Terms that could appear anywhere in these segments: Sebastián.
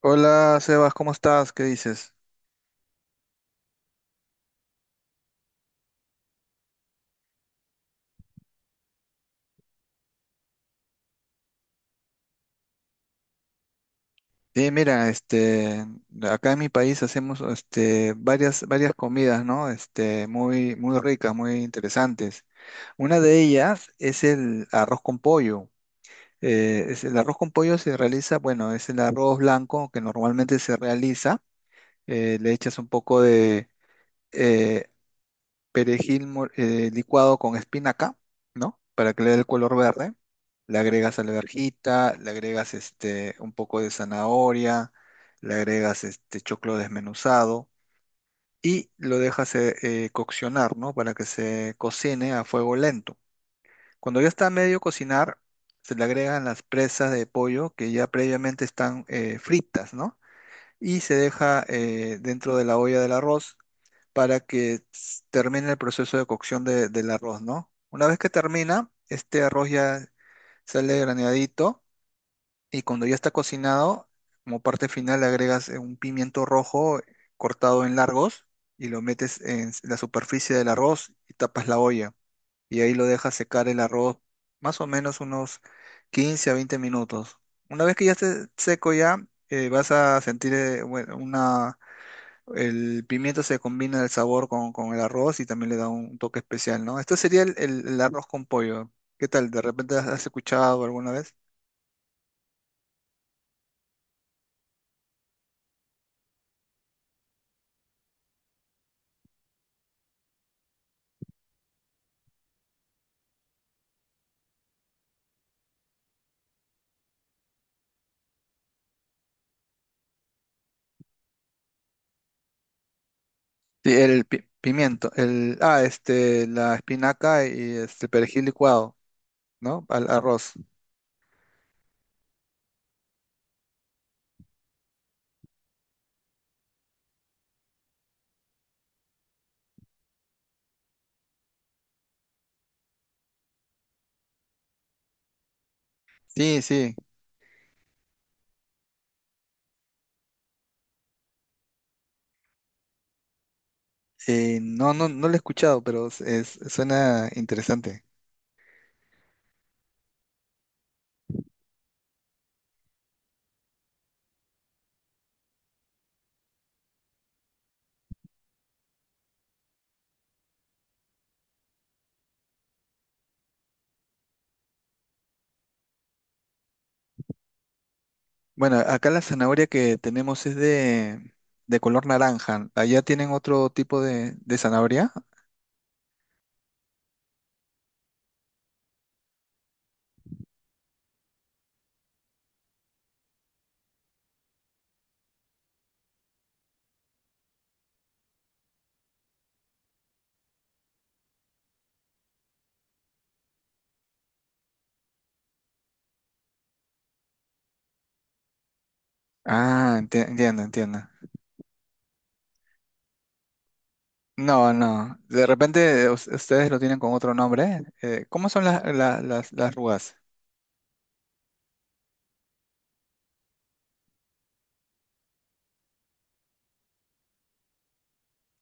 Hola Sebas, ¿cómo estás? ¿Qué dices? Bien, mira, acá en mi país hacemos varias comidas, ¿no? Muy ricas, muy interesantes. Una de ellas es el arroz con pollo. El arroz con pollo se realiza, bueno, es el arroz blanco que normalmente se realiza. Le echas un poco de, eh, licuado con espinaca, ¿no? Para que le dé el color verde. Le agregas alverjita, le agregas un poco de zanahoria, le agregas choclo desmenuzado y lo dejas coccionar, ¿no? Para que se cocine a fuego lento. Cuando ya está a medio cocinar, se le agregan las presas de pollo que ya previamente están fritas, ¿no? Y se deja dentro de la olla del arroz para que termine el proceso de cocción del arroz, ¿no? Una vez que termina, este arroz ya sale graneadito y cuando ya está cocinado, como parte final le agregas un pimiento rojo cortado en largos y lo metes en la superficie del arroz y tapas la olla y ahí lo dejas secar el arroz más o menos unos 15 a 20 minutos. Una vez que ya esté seco ya, vas a sentir bueno, una el pimiento se combina el sabor con el arroz y también le da un toque especial, ¿no? Esto sería el arroz con pollo. ¿Qué tal? ¿De repente has escuchado alguna vez? Sí, pimiento, el, ah, este, la espinaca y este perejil licuado, ¿no? Al arroz. Sí, sí. No, no, no lo he escuchado, pero suena interesante. Bueno, acá la zanahoria que tenemos es de color naranja. ¿Allá tienen otro tipo de zanahoria? Entiendo, entiendo. No, no. De repente ustedes lo tienen con otro nombre. ¿Cómo son las rugas?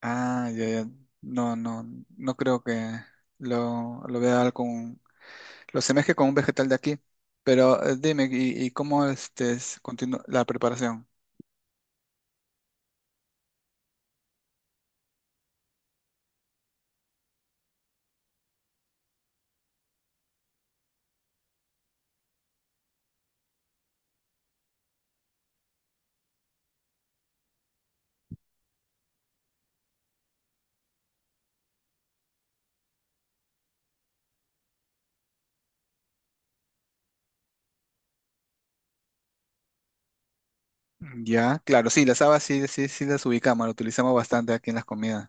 Ah, ya, ya. No, no, no creo que lo vea con, lo semeje con un vegetal de aquí. Pero dime, y cómo este la preparación? Ya, claro, sí, las habas sí, sí, sí las ubicamos, las utilizamos bastante aquí en las comidas.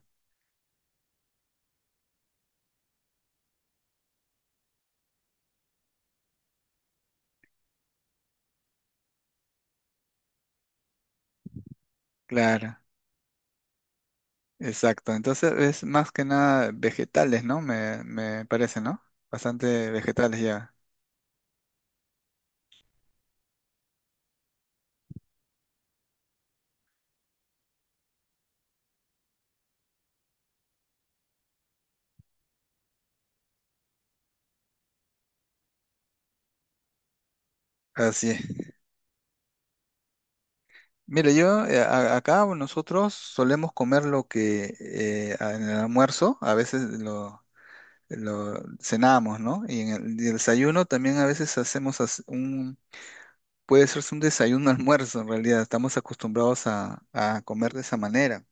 Claro, exacto. Entonces es más que nada vegetales, ¿no? Me parece, ¿no? Bastante vegetales ya. Así es. Mira, yo acá nosotros solemos comer lo que en el almuerzo a veces lo cenamos, ¿no? Y en y el desayuno también a veces hacemos un, puede ser un desayuno almuerzo en realidad, estamos acostumbrados a comer de esa manera,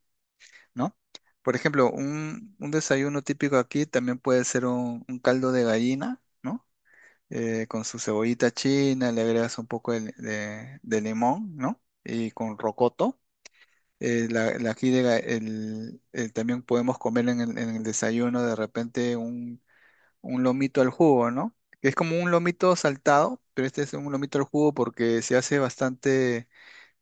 ¿no? Por ejemplo, un desayuno típico aquí también puede ser un caldo de gallina, ¿no? Con su cebollita china, le agregas un poco de, de limón, ¿no? Y con rocoto la, la aquí también podemos comer en en el desayuno de repente un lomito al jugo, ¿no? Que es como un lomito saltado, pero este es un lomito al jugo porque se hace bastante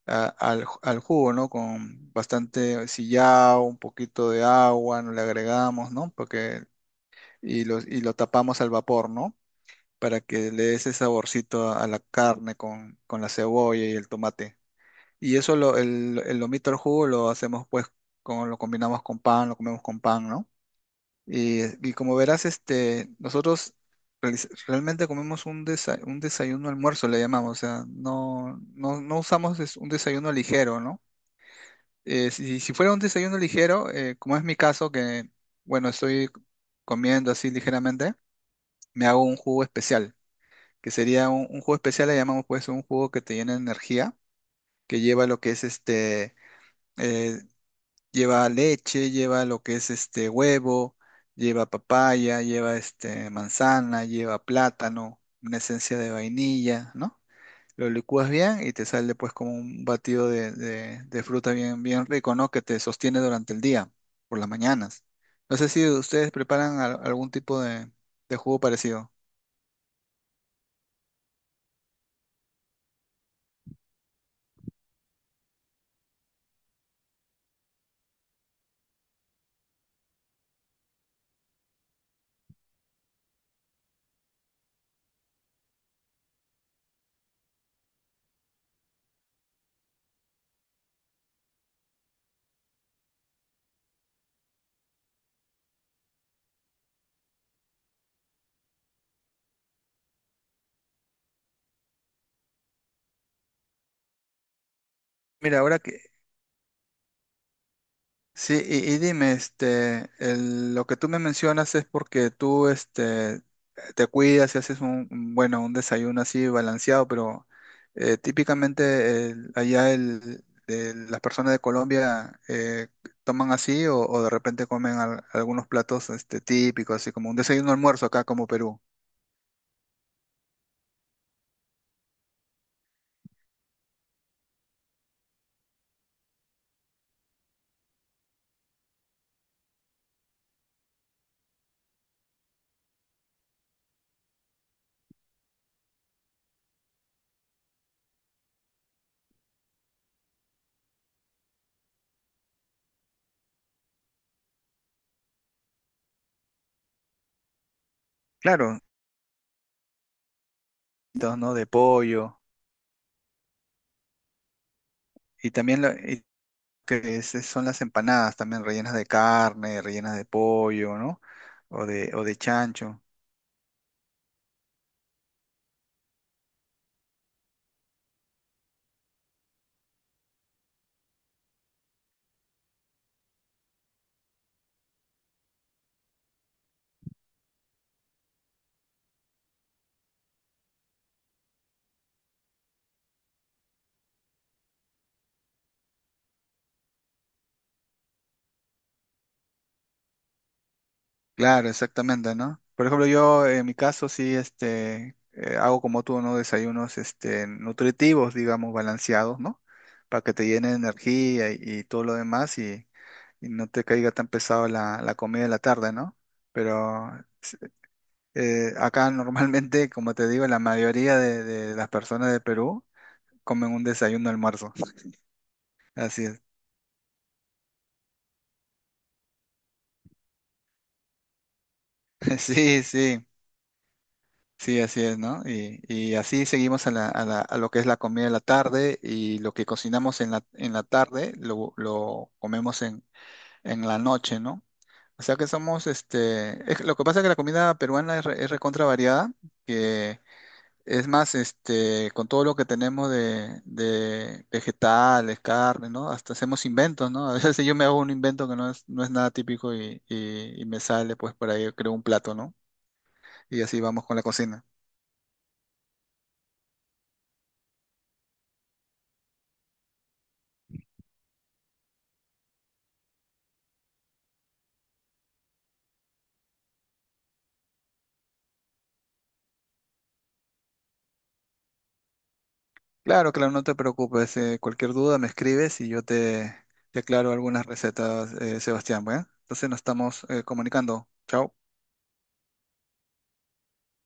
al jugo, ¿no? Con bastante sillao, un poquito de agua, nos le agregamos, ¿no? Porque, y lo tapamos al vapor, ¿no? Para que le dé ese saborcito a la carne con la cebolla y el tomate. Y eso el lomito al jugo lo hacemos pues con, lo combinamos con pan, lo comemos con pan, ¿no? Y, y como verás, este, nosotros realmente comemos un, un desayuno almuerzo, le llamamos, o sea, no, no, no usamos es un desayuno ligero, ¿no? Si fuera un desayuno ligero, como es mi caso, que bueno, estoy comiendo así ligeramente, me hago un jugo especial, que sería un jugo especial, le llamamos pues un jugo que te llena de energía, que lleva lo que es este eh, lleva leche, lleva lo que es este huevo, lleva papaya, lleva este manzana, lleva plátano, una esencia de vainilla, ¿no? Lo licúas bien y te sale pues como un batido de, de fruta bien, bien rico, ¿no? Que te sostiene durante el día, por las mañanas. No sé si ustedes preparan algún tipo de jugo parecido. Mira, ahora que, sí, y dime, este, lo que tú me mencionas es porque tú, este, te cuidas y haces un, bueno, un desayuno así balanceado, pero típicamente allá las personas de Colombia toman así o de repente comen algunos platos, este, típicos, así como un desayuno almuerzo acá como Perú. Claro, entonces, ¿no? De pollo y también son las empanadas también rellenas de carne, rellenas de pollo, ¿no? O de chancho. Claro, exactamente, ¿no? Por ejemplo, yo en mi caso sí, este, hago como tú, ¿no? Desayunos, este, nutritivos, digamos, balanceados, ¿no? Para que te llene de energía y todo lo demás y no te caiga tan pesado la comida de la tarde, ¿no? Pero acá normalmente, como te digo, la mayoría de las personas de Perú comen un desayuno almuerzo. Así es. Sí, sí, sí, así es, ¿no? Y así seguimos a la, a lo que es la comida de la tarde y lo que cocinamos en la tarde lo comemos en la noche, ¿no? O sea que somos, este, que lo que pasa es que la comida peruana es, es recontra variada, que es más, este, con todo lo que tenemos de vegetales, carne, ¿no? Hasta hacemos inventos, ¿no? A veces yo me hago un invento que no es, no es nada típico y me sale, pues por ahí yo creo un plato, ¿no? Y así vamos con la cocina. Claro, claro, no te preocupes. Eh, cualquier duda me escribes y yo te, te aclaro algunas recetas, Sebastián. Bueno, entonces nos estamos comunicando. Chao.